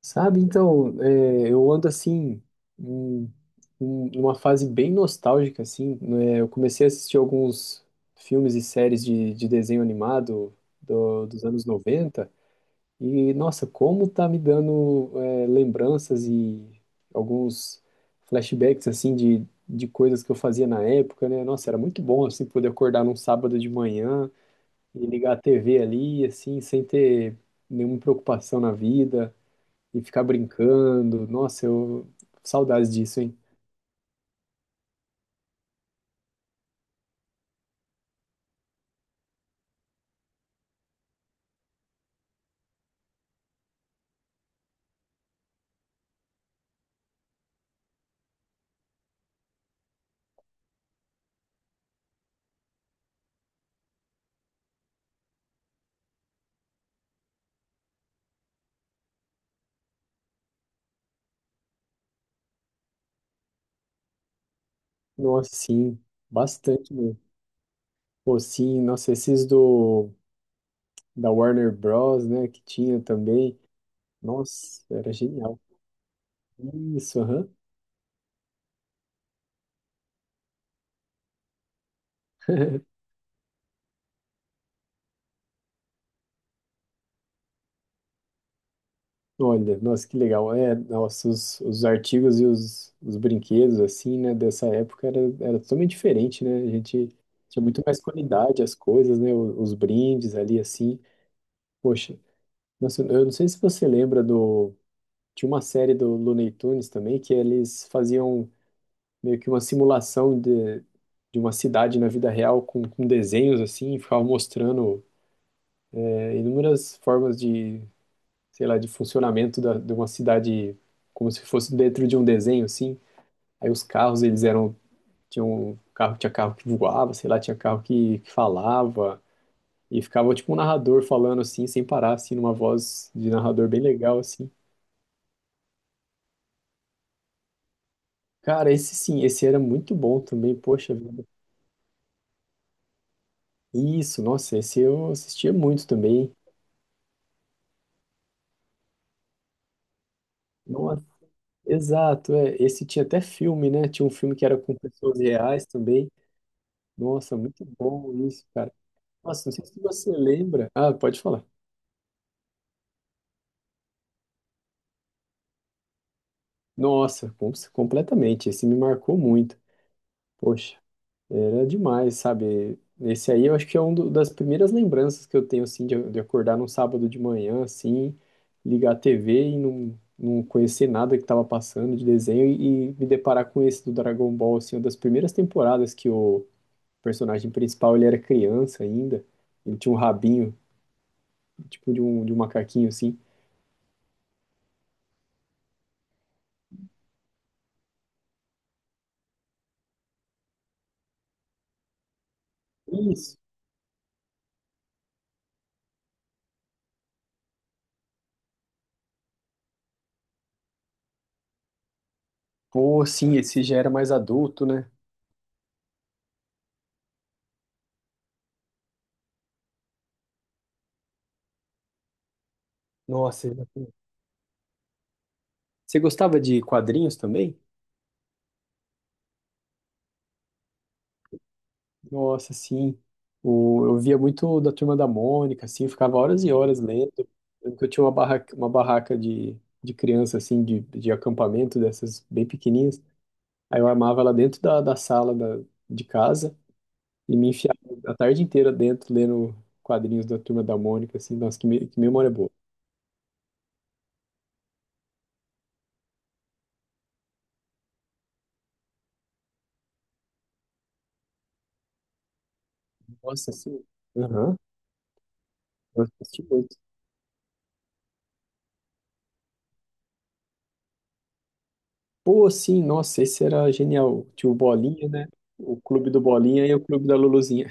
Sabe, então, é, eu ando assim, em, em uma fase bem nostálgica, assim, né? Eu comecei a assistir alguns filmes e séries de desenho animado dos anos 90 e nossa, como tá me dando, é, lembranças e alguns flashbacks, assim, de coisas que eu fazia na época, né? Nossa, era muito bom, assim, poder acordar num sábado de manhã e ligar a TV ali, assim, sem ter nenhuma preocupação na vida e ficar brincando. Nossa, eu saudades disso, hein? Nossa, sim, bastante mesmo. Pô, sim, nossa, esses do da Warner Bros, né, que tinha também. Nossa, era genial. Isso, aham. Olha, nossa, que legal. É, nossa, os artigos e os brinquedos, assim, né, dessa época era, era totalmente diferente, né? A gente tinha muito mais qualidade as coisas, né? Os brindes ali, assim. Poxa, nossa, eu não sei se você lembra do. Tinha uma série do Looney Tunes também que eles faziam meio que uma simulação de uma cidade na vida real com desenhos assim, e ficavam mostrando é, inúmeras formas de, sei lá, de funcionamento da, de uma cidade como se fosse dentro de um desenho assim. Aí os carros, eles eram, tinham carro, tinha carro que voava, sei lá, tinha carro que falava e ficava tipo um narrador falando assim, sem parar assim, numa voz de narrador bem legal assim. Cara, esse sim, esse era muito bom também, poxa vida. Isso, nossa, esse eu assistia muito também. Nossa, exato, é. Esse tinha até filme, né? Tinha um filme que era com pessoas reais também. Nossa, muito bom isso, cara. Nossa, não sei se você lembra. Ah, pode falar. Nossa, completamente. Esse me marcou muito. Poxa. Era demais, sabe? Esse aí eu acho que é uma das primeiras lembranças que eu tenho, assim, de acordar num sábado de manhã, assim, ligar a TV e não conhecer nada que estava passando de desenho e me deparar com esse do Dragon Ball, assim, uma das primeiras temporadas que o personagem principal, ele era criança ainda, ele tinha um rabinho, tipo de um macaquinho, assim. Isso. Pô, sim, esse já era mais adulto, né? Nossa, você gostava de quadrinhos também? Nossa, sim. O, eu via muito da Turma da Mônica, assim, ficava horas e horas lendo. Eu lembro que eu tinha uma barraca de criança, assim, de acampamento, dessas bem pequenininhas. Aí eu armava ela dentro da, da sala da, de casa e me enfiava a tarde inteira dentro, lendo quadrinhos da Turma da Mônica, assim. Nossa, que memória boa. Nossa, sim. Aham, eu assisti muito. Pô, sim, nossa, esse era genial. Tinha o Bolinha, né? O Clube do Bolinha e o Clube da Luluzinha.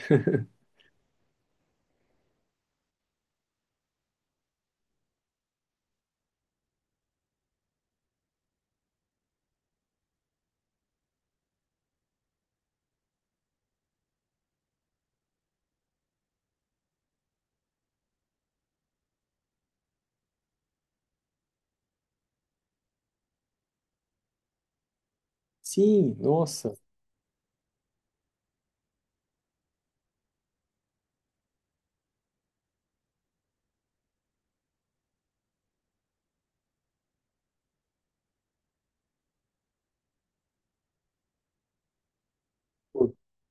Sim, nossa.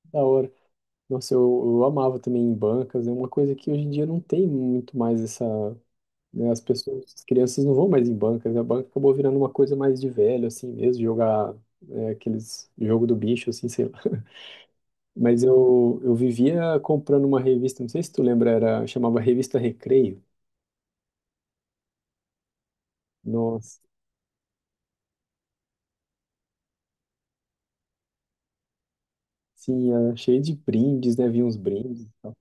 Da hora. Nossa, eu amava também em bancas. É uma coisa que hoje em dia não tem muito mais essa, né, as pessoas, as crianças não vão mais em bancas. A banca acabou virando uma coisa mais de velho, assim mesmo, jogar é, aqueles jogo do bicho, assim, sei lá. Mas eu vivia comprando uma revista, não sei se tu lembra, era, chamava Revista Recreio. Nossa, sim, era cheio de brindes, né? Vinha uns brindes e tal.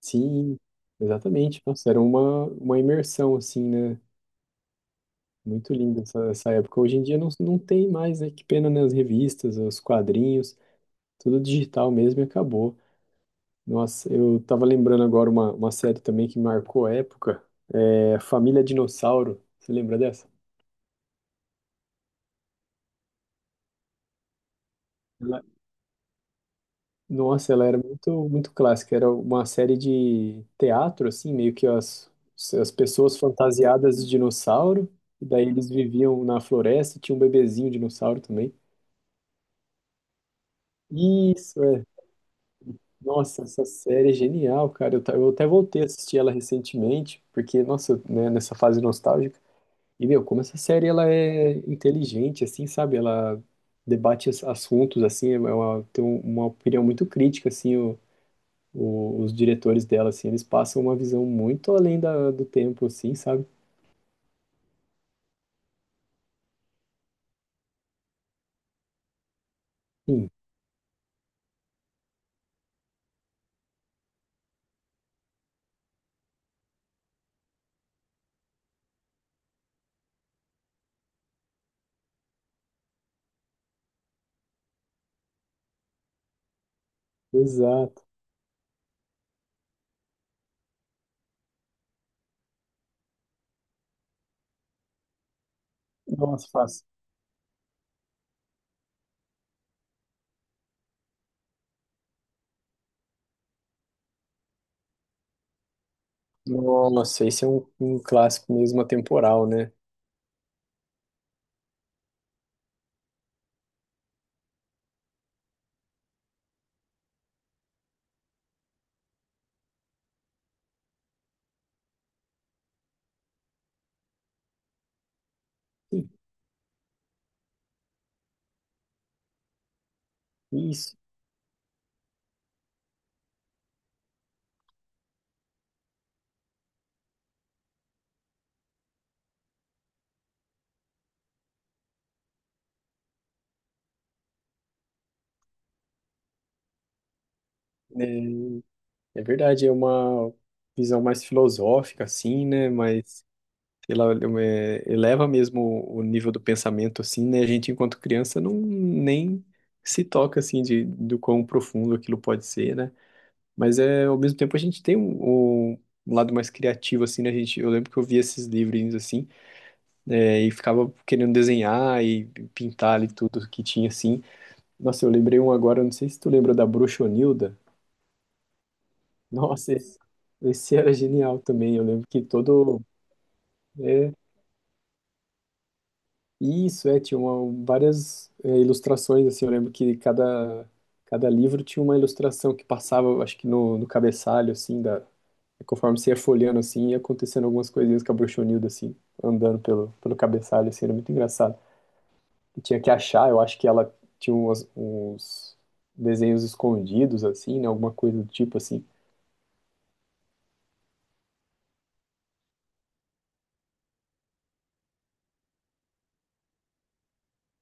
Sim, exatamente. Nossa, era uma imersão, assim, né? Muito linda essa, essa época. Hoje em dia não, não tem mais, né? Que pena, né? As revistas, os quadrinhos, tudo digital mesmo e acabou. Nossa, eu tava lembrando agora uma série também que marcou a época, é Família Dinossauro. Você lembra dessa? Ela- nossa, ela era muito, muito clássica. Era uma série de teatro, assim, meio que as pessoas fantasiadas de dinossauro, e daí eles viviam na floresta, e tinha um bebezinho dinossauro também. Isso, é. Nossa, essa série é genial, cara. Eu até voltei a assistir ela recentemente, porque, nossa, né, nessa fase nostálgica. E, meu, como essa série ela é inteligente, assim, sabe? Ela debate assuntos, assim, é uma opinião muito crítica, assim, os diretores dela, assim, eles passam uma visão muito além do tempo, assim, sabe? Sim, exato. Nossa, fácil. Nossa, esse é um, um clássico mesmo atemporal, né? Sim, isso, né? É verdade, é uma visão mais filosófica, assim, né? Mas, sei lá, é, eleva mesmo o nível do pensamento, assim, né? A gente, enquanto criança, não nem se toca, assim, de, do quão profundo aquilo pode ser, né? Mas, é, ao mesmo tempo, a gente tem um, um lado mais criativo, assim, né? A gente, eu lembro que eu via esses livrinhos, assim, é, e ficava querendo desenhar e pintar ali tudo que tinha, assim. Nossa, eu lembrei um agora, não sei se tu lembra da Bruxonilda. Nossa, esse era genial também. Eu lembro que todo. É, isso, é, tinha uma- várias é, ilustrações, assim. Eu lembro que cada, cada livro tinha uma ilustração que passava, eu acho que no, no cabeçalho, assim, da, conforme você ia folheando, assim, ia acontecendo algumas coisinhas com a bruxonilda, assim, andando pelo, pelo cabeçalho, assim, era muito engraçado. E tinha que achar, eu acho que ela tinha uns desenhos escondidos, assim, né? Alguma coisa do tipo, assim.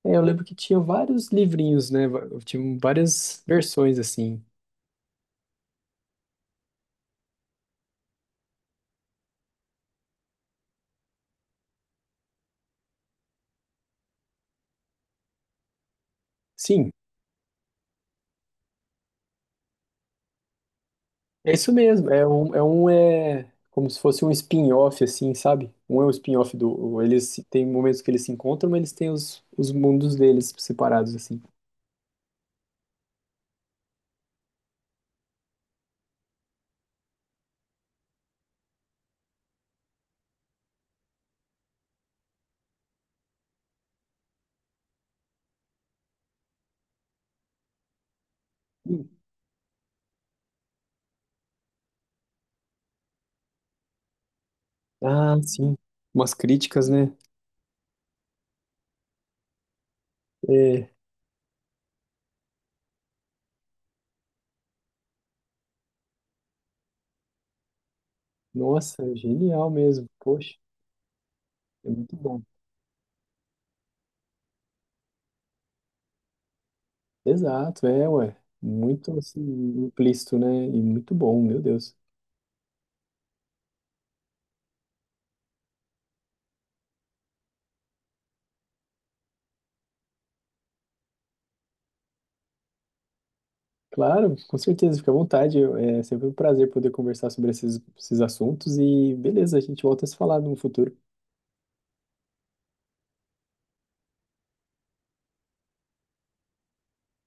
É, eu lembro que tinha vários livrinhos, né? Tinha várias versões assim. Sim, é isso mesmo. É um é como se fosse um spin-off, assim, sabe? Um é o spin-off do. Eles se- tem momentos que eles se encontram, mas eles têm os mundos deles separados, assim. Sim. Ah, sim. Umas críticas, né? É, nossa, genial mesmo. Poxa, é muito bom. Exato, é, ué. Muito assim, implícito, né? E muito bom, meu Deus. Claro, com certeza, fica à vontade. É sempre um prazer poder conversar sobre esses, esses assuntos e beleza, a gente volta a se falar no futuro.